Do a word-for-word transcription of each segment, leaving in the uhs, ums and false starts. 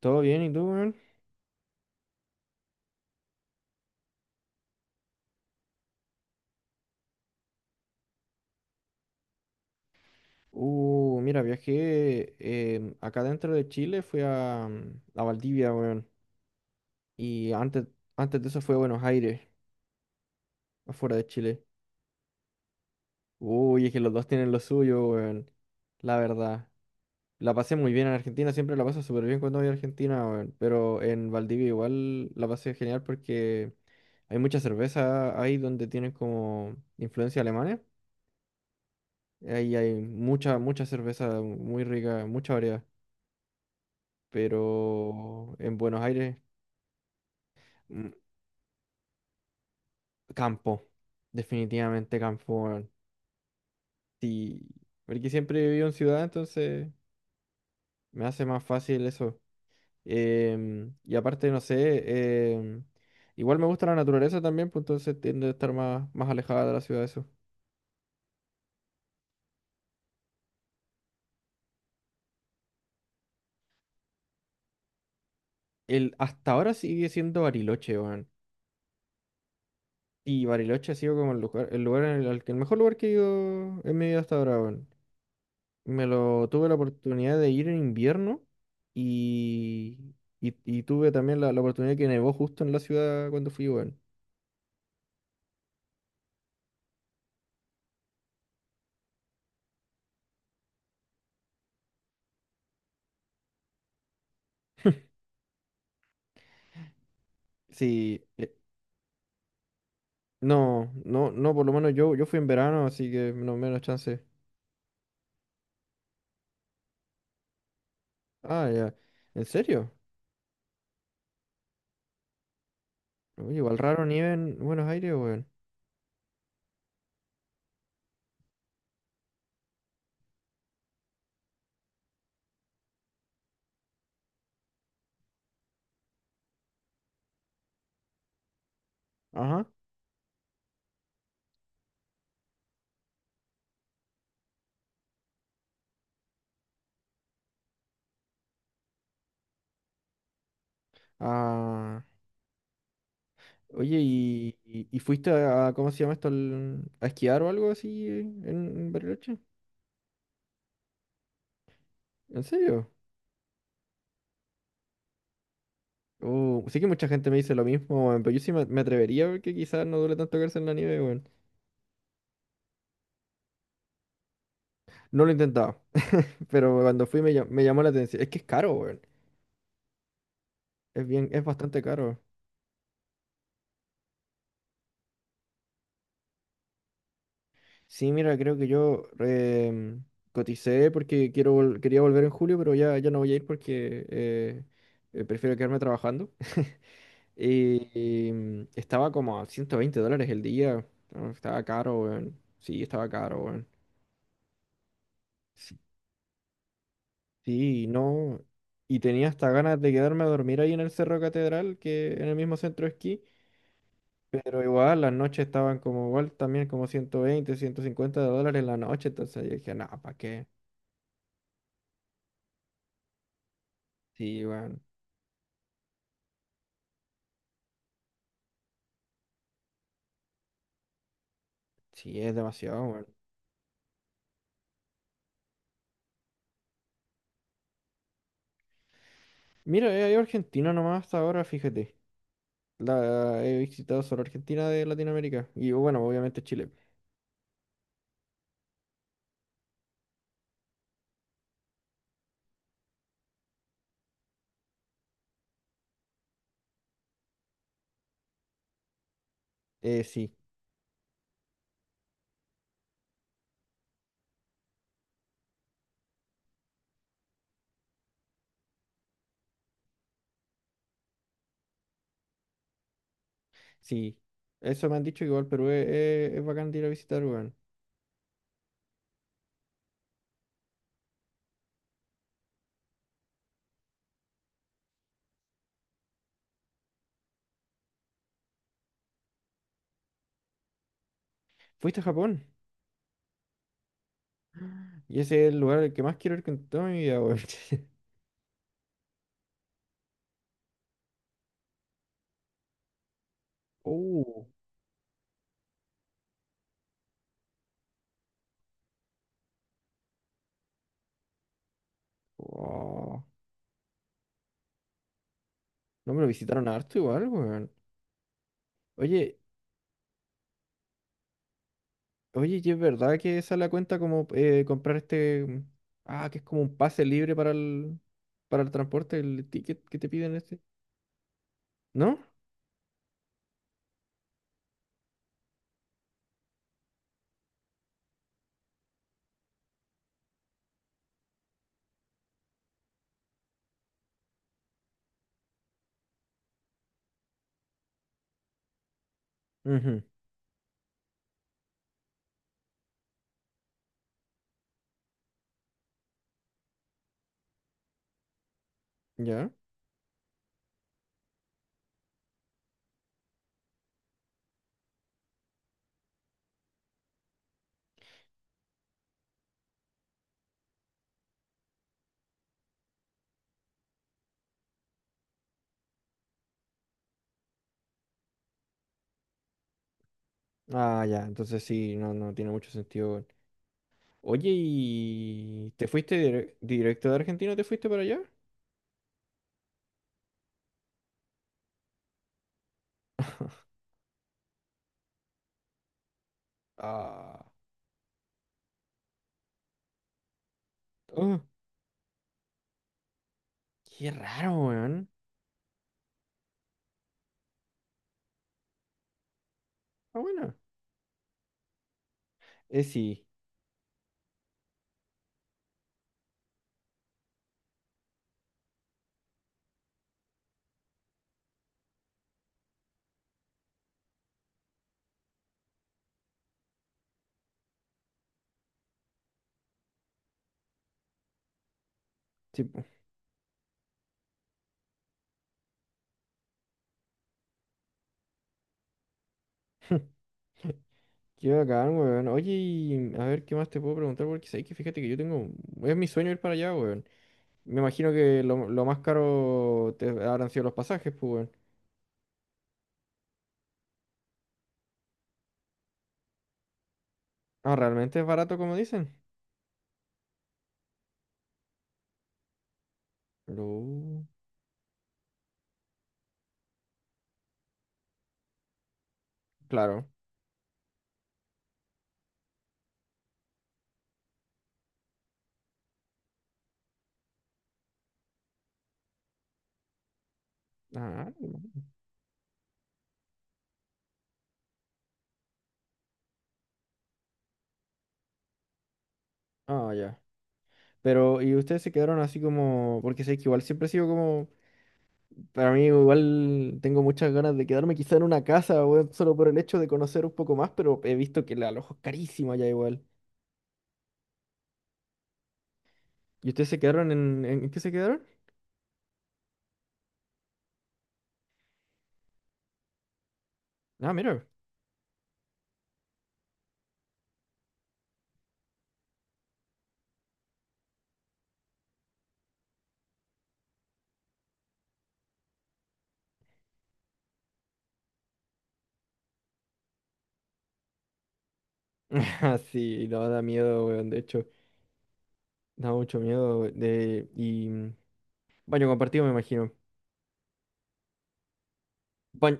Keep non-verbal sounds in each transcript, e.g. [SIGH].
¿Todo bien? ¿Y tú, weón? Uh, mira, viajé em, acá dentro de Chile, fui a, mm, a Valdivia, weón. Y antes, antes de eso fui a Buenos Aires, afuera de Chile. Uy, es que los dos tienen lo suyo, weón. La verdad. La pasé muy bien en Argentina, siempre la paso súper bien cuando voy a Argentina, weón. Pero en Valdivia igual la pasé genial porque hay mucha cerveza ahí donde tienen como influencia alemana. Ahí hay mucha, mucha cerveza muy rica, mucha variedad. Pero en Buenos Aires, mm, campo, definitivamente campo, weón. Sí, porque siempre he vivido en ciudad, entonces me hace más fácil eso. Em, y aparte, no sé, em, igual me gusta la naturaleza también, pues entonces tiendo a estar más, más alejada de la ciudad, eso. El, hasta ahora sigue siendo Bariloche, weón. Y Bariloche ha sido como el lugar, el lugar en el, al que- el mejor lugar que he ido en mi vida hasta ahora, weón. Me lo tuve la oportunidad de ir en invierno y, y, y tuve también la, la oportunidad que nevó justo en la ciudad cuando fui, weón. Sí, eh, no, no, no, por lo menos yo, yo fui en verano, así que no menos chance. Ah, ya. ¿En serio? Oye, igual raro nieve en Buenos Aires, weón. Ajá. Ah, oye, ¿y, y, y fuiste a, a- ¿cómo se llama esto? al- a esquiar o algo así eh, en, en Bariloche? ¿En serio? Uh, sí que mucha gente me dice lo mismo, weón, pero yo sí me, me atrevería porque quizás no duele tanto quedarse en la nieve, weón. No lo he intentado, pero cuando fui me, llam- me llamó la atención. Es que es caro, weón. Es bien, es bastante caro. Sí, mira, creo que yo em, coticé porque quiero vol- quería volver en julio, pero ya, ya no voy a ir porque eh, eh, prefiero quedarme trabajando. [LAUGHS] Y, y, mm, estaba como a ciento veinte dólares el día. No, estaba caro, weón. Sí, estaba caro, weón. Sí. Sí, no. Y tenía hasta ganas de quedarme a dormir ahí en el Cerro Catedral, que en el mismo centro de esquí. Pero igual, las noches estaban como igual, también como ciento veinte ciento cincuenta dólares la noche. Entonces yo dije, no, ¿para qué? Sí, weón. Sí, es demasiado, weón. Mira, he ido a Argentina nomás hasta ahora, fíjate. La, he visitado solo Argentina de Latinoamérica. Y bueno, obviamente Chile. Eh, sí, sí. Eso me han dicho que igual Perú es, es- es bacán de ir a visitar, weón. ¿Fuiste a Japón? Y ese es el lugar al que más quiero ir con toda mi vida, weón. [LAUGHS] Uh, oh, no me lo visitaron harto igual, weón. Oye, oye, ¿y es verdad que esa la cuenta como eh, comprar este... mm, ah, que es como un pase libre para el, para el transporte, el ticket que te piden este? ¿No? Ujú, ya. Ah, ya, entonces sí, no, no tiene mucho sentido, weón. Oye, ¿y te fuiste dire- directo de Argentina? ¿Te fuiste para allá? Ah, oh, qué raro, weón. Ah, bueno. Eh, sí. Sí. [LAUGHS] Qué bacán, weón. Oye, y a ver, ¿qué más te puedo preguntar? Porque sabes que fíjate que yo tengo... Es mi sueño ir para allá, weón. Me imagino que lo, lo más caro te habrán sido los pasajes, pues, weón. Ah, ¿realmente es barato como dicen? Lo- Claro. Ah, ah, ya. Pero, ¿y ustedes se quedaron así como...? Porque sé que igual siempre he sido como... Para mí igual tengo muchas ganas de quedarme quizá en una casa, weón, solo por el hecho de conocer un poco más, pero he visto que el alojo es carísimo allá igual. ¿Y ustedes se quedaron en... ¿En en qué se quedaron? Ah, mira. [LAUGHS] Sí, no da miedo, weón. De hecho, da mucho miedo. we- De... Y mm, baño compartido, me imagino. Baño...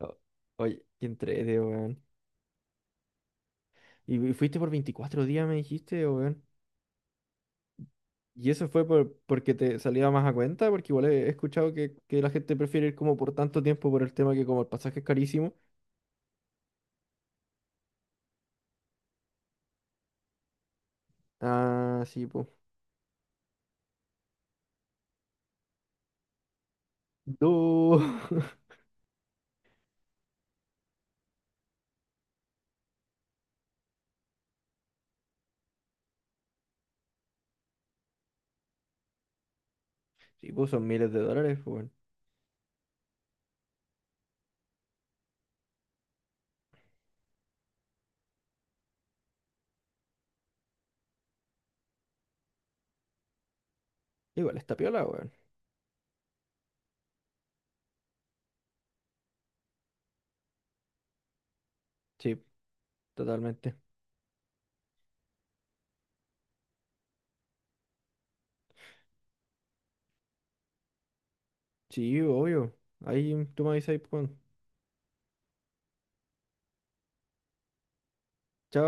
o- Oye, qué entrete, weón. ¿Y y fuiste por veinticuatro días, me dijiste, weón? ¿Y eso fue por, porque te salía más a cuenta? Porque igual he he escuchado que, que la gente prefiere ir como por tanto tiempo por el tema que como el pasaje es carísimo. Ah, sí, pues. Du. [LAUGHS] Sí, pues son miles de dólares, weón. Igual está piola, weón. Sí, totalmente. Sí, obvio. Ahí tú me avisas, pues, weón. Chao.